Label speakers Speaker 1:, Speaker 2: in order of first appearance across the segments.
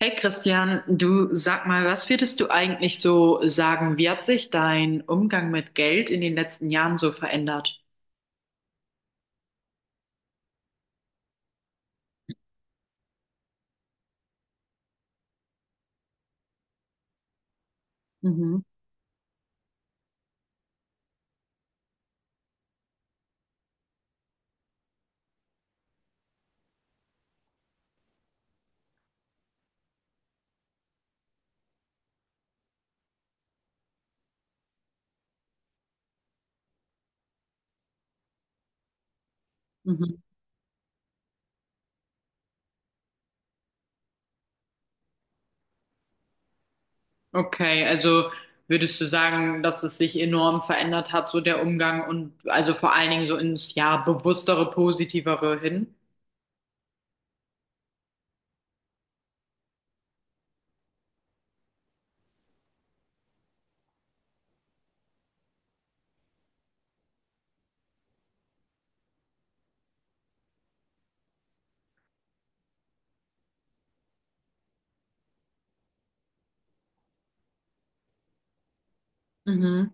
Speaker 1: Hey Christian, du sag mal, was würdest du eigentlich so sagen? Wie hat sich dein Umgang mit Geld in den letzten Jahren so verändert? Mhm, mhm. Okay, also würdest du sagen, dass es sich enorm verändert hat, so der Umgang und also vor allen Dingen so ins ja bewusstere, positivere hin? Mhm.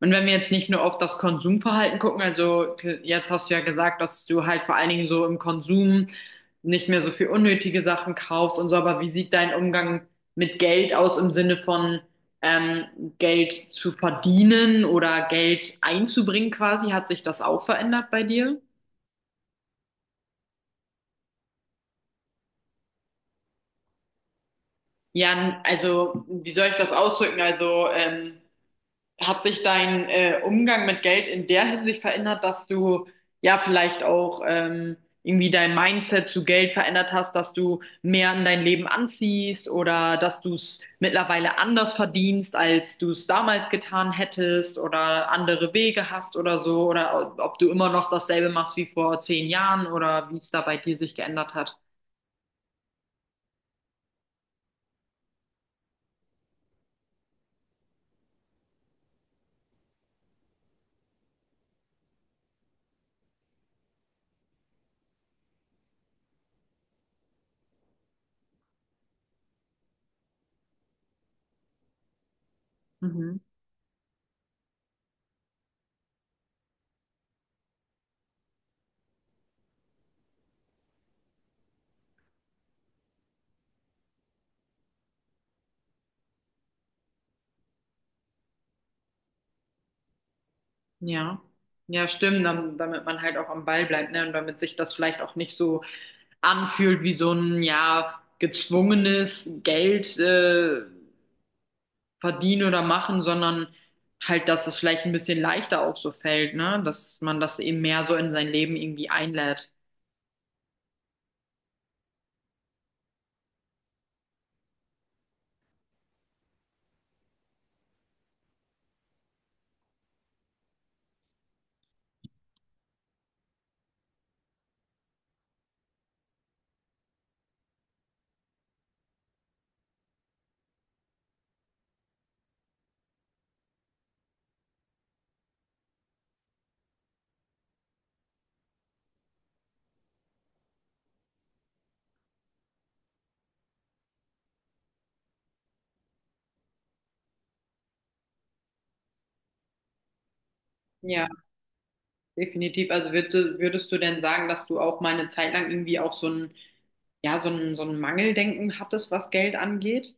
Speaker 1: Und wenn wir jetzt nicht nur auf das Konsumverhalten gucken, also jetzt hast du ja gesagt, dass du halt vor allen Dingen so im Konsum nicht mehr so viel unnötige Sachen kaufst und so, aber wie sieht dein Umgang mit Geld aus im Sinne von ähm, Geld zu verdienen oder Geld einzubringen quasi? Hat sich das auch verändert bei dir? Ja, also wie soll ich das ausdrücken? Also hat sich dein Umgang mit Geld in der Hinsicht verändert, dass du ja vielleicht auch irgendwie dein Mindset zu Geld verändert hast, dass du mehr in dein Leben anziehst oder dass du es mittlerweile anders verdienst, als du es damals getan hättest oder andere Wege hast oder so oder ob du immer noch dasselbe machst wie vor 10 Jahren oder wie es da bei dir sich geändert hat? Mhm. Ja, ja, stimmt, dann, damit man halt auch am Ball bleibt, ne? Und damit sich das vielleicht auch nicht so anfühlt wie so ein, ja, gezwungenes Geld verdienen oder machen, sondern halt, dass es vielleicht ein bisschen leichter auch so fällt, ne? Dass man das eben mehr so in sein Leben irgendwie einlädt. Ja, definitiv. Also würdest du denn sagen, dass du auch mal eine Zeit lang irgendwie auch so ein, ja, so ein Mangeldenken hattest, was Geld angeht?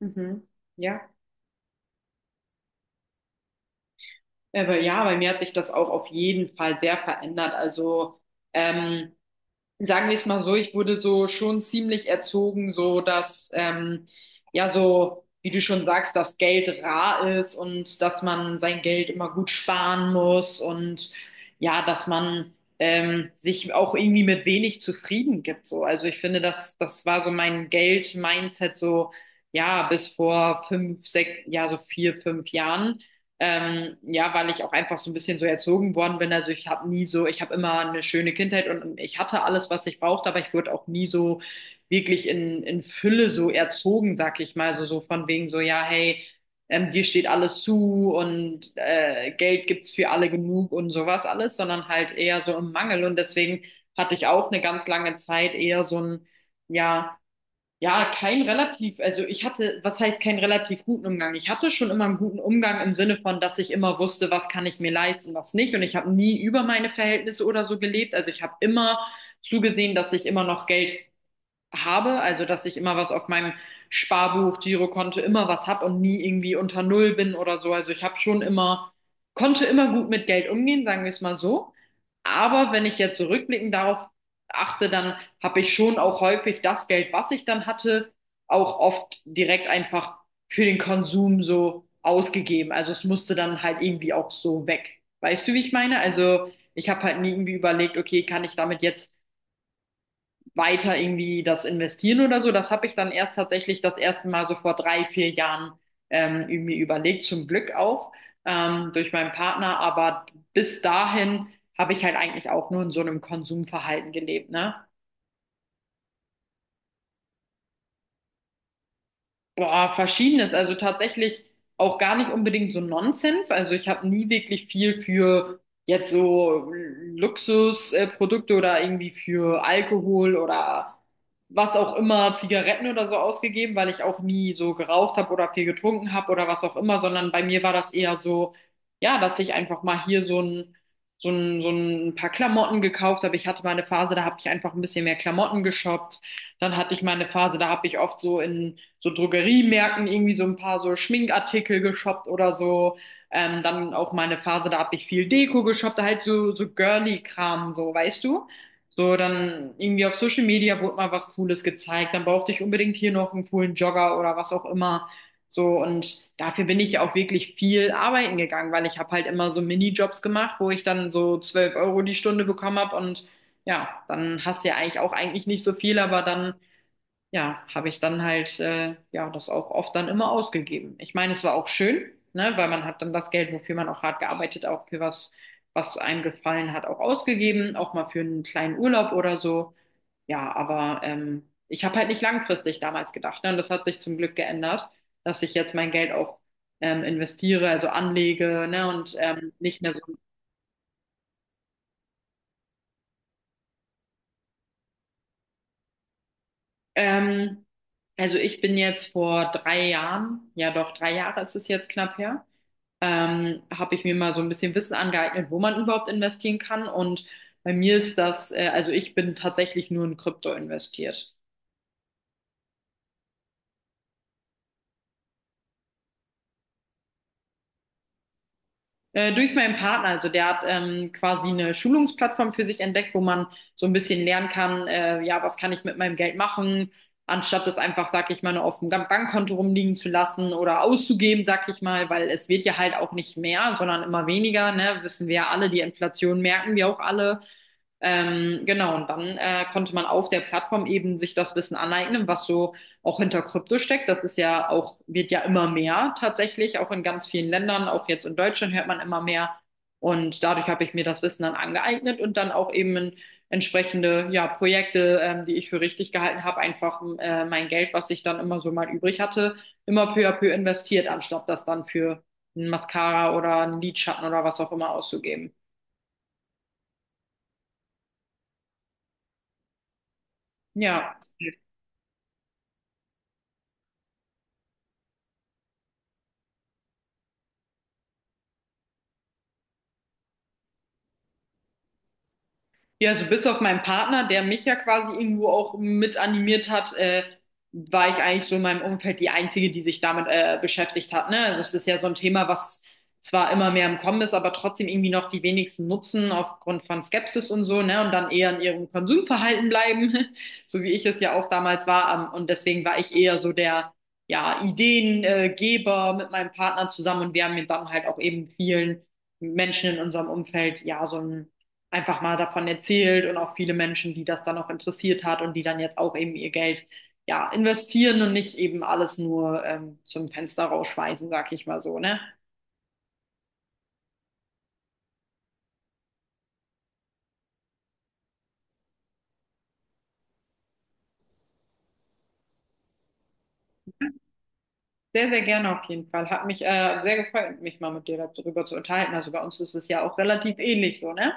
Speaker 1: Mhm. Ja. Aber ja, bei mir hat sich das auch auf jeden Fall sehr verändert. Also, ähm, sagen wir es mal so, ich wurde so schon ziemlich erzogen, so dass, ja, so, wie du schon sagst, dass Geld rar ist und dass man sein Geld immer gut sparen muss und ja, dass man sich auch irgendwie mit wenig zufrieden gibt. So. Also ich finde, das war so mein Geld-Mindset so, ja, bis vor fünf, sechs, ja, so vier, fünf Jahren. Ja, weil ich auch einfach so ein bisschen so erzogen worden bin. Also ich habe nie so, ich habe immer eine schöne Kindheit und ich hatte alles, was ich brauchte, aber ich wurde auch nie so wirklich in Fülle so erzogen, sag ich mal. Also so von wegen so, ja, hey, dir steht alles zu und Geld gibt's für alle genug und sowas alles, sondern halt eher so im Mangel. Und deswegen hatte ich auch eine ganz lange Zeit eher so ein, ja, ja, kein relativ, also ich hatte, was heißt keinen relativ guten Umgang? Ich hatte schon immer einen guten Umgang im Sinne von, dass ich immer wusste, was kann ich mir leisten, was nicht. Und ich habe nie über meine Verhältnisse oder so gelebt. Also ich habe immer zugesehen, dass ich immer noch Geld habe, also dass ich immer was auf meinem Sparbuch, Girokonto immer was habe und nie irgendwie unter Null bin oder so. Also ich habe schon immer, konnte immer gut mit Geld umgehen, sagen wir es mal so. Aber wenn ich jetzt so rückblickend darauf achte, dann habe ich schon auch häufig das Geld, was ich dann hatte, auch oft direkt einfach für den Konsum so ausgegeben. Also es musste dann halt irgendwie auch so weg. Weißt du, wie ich meine? Also ich habe halt nie irgendwie überlegt, okay, kann ich damit jetzt weiter irgendwie das investieren oder so. Das habe ich dann erst tatsächlich das erste Mal so vor drei, vier Jahren irgendwie überlegt, zum Glück auch durch meinen Partner. Aber bis dahin habe ich halt eigentlich auch nur in so einem Konsumverhalten gelebt, ne? Boah, verschiedenes. Also tatsächlich auch gar nicht unbedingt so Nonsens. Also ich habe nie wirklich viel für jetzt so Luxusprodukte oder irgendwie für Alkohol oder was auch immer, Zigaretten oder so ausgegeben, weil ich auch nie so geraucht habe oder viel getrunken habe oder was auch immer, sondern bei mir war das eher so, ja, dass ich einfach mal hier so ein paar Klamotten gekauft habe. Ich hatte mal eine Phase, da habe ich einfach ein bisschen mehr Klamotten geshoppt. Dann hatte ich mal eine Phase, da habe ich oft so in so Drogeriemärkten irgendwie so ein paar so Schminkartikel geshoppt oder so. Dann auch meine Phase, da habe ich viel Deko geshoppt, halt so, so Girly-Kram, so, weißt du? So, dann irgendwie auf Social Media wurde mal was Cooles gezeigt, dann brauchte ich unbedingt hier noch einen coolen Jogger oder was auch immer. So, und dafür bin ich auch wirklich viel arbeiten gegangen, weil ich habe halt immer so Minijobs gemacht, wo ich dann so 12 Euro die Stunde bekommen habe und ja, dann hast du ja eigentlich nicht so viel, aber dann ja, habe ich dann halt ja das auch oft dann immer ausgegeben. Ich meine, es war auch schön, ne, weil man hat dann das Geld, wofür man auch hart gearbeitet, auch für was, was einem gefallen hat, auch ausgegeben, auch mal für einen kleinen Urlaub oder so. Ja, aber ich habe halt nicht langfristig damals gedacht, ne, und das hat sich zum Glück geändert, dass ich jetzt mein Geld auch investiere, also anlege, ne, und nicht mehr so. Ähm, also ich bin jetzt vor drei Jahren, ja doch drei Jahre ist es jetzt knapp her, habe ich mir mal so ein bisschen Wissen angeeignet, wo man überhaupt investieren kann. Und bei mir ist das, also ich bin tatsächlich nur in Krypto investiert. Durch meinen Partner, also der hat quasi eine Schulungsplattform für sich entdeckt, wo man so ein bisschen lernen kann, ja, was kann ich mit meinem Geld machen, anstatt es einfach, sag ich mal, nur auf dem Bankkonto rumliegen zu lassen oder auszugeben, sag ich mal, weil es wird ja halt auch nicht mehr, sondern immer weniger, ne? Wissen wir ja alle, die Inflation merken wir auch alle. Genau, und dann konnte man auf der Plattform eben sich das Wissen aneignen, was so auch hinter Krypto steckt. Das ist ja auch, Wird ja immer mehr tatsächlich, auch in ganz vielen Ländern, auch jetzt in Deutschland hört man immer mehr. Und dadurch habe ich mir das Wissen dann angeeignet und dann auch eben in entsprechende ja, Projekte, die ich für richtig gehalten habe, einfach mein Geld, was ich dann immer so mal übrig hatte, immer peu à peu investiert, anstatt das dann für ein Mascara oder einen Lidschatten oder was auch immer auszugeben. Ja. Ja, so bis auf meinen Partner, der mich ja quasi irgendwo auch mit animiert hat, war ich eigentlich so in meinem Umfeld die Einzige, die sich damit beschäftigt hat. Ne? Also es ist ja so ein Thema, was zwar immer mehr im Kommen ist, aber trotzdem irgendwie noch die wenigsten nutzen aufgrund von Skepsis und so, ne? Und dann eher in ihrem Konsumverhalten bleiben, so wie ich es ja auch damals war. Und deswegen war ich eher so der, ja, Ideengeber mit meinem Partner zusammen und wir haben mir dann halt auch eben vielen Menschen in unserem Umfeld ja so ein einfach mal davon erzählt und auch viele Menschen, die das dann auch interessiert hat und die dann jetzt auch eben ihr Geld ja investieren und nicht eben alles nur zum Fenster rausschmeißen, sag ich mal so, ne? Sehr, sehr gerne auf jeden Fall. Hat mich sehr gefreut, mich mal mit dir darüber zu unterhalten. Also bei uns ist es ja auch relativ ähnlich so, ne?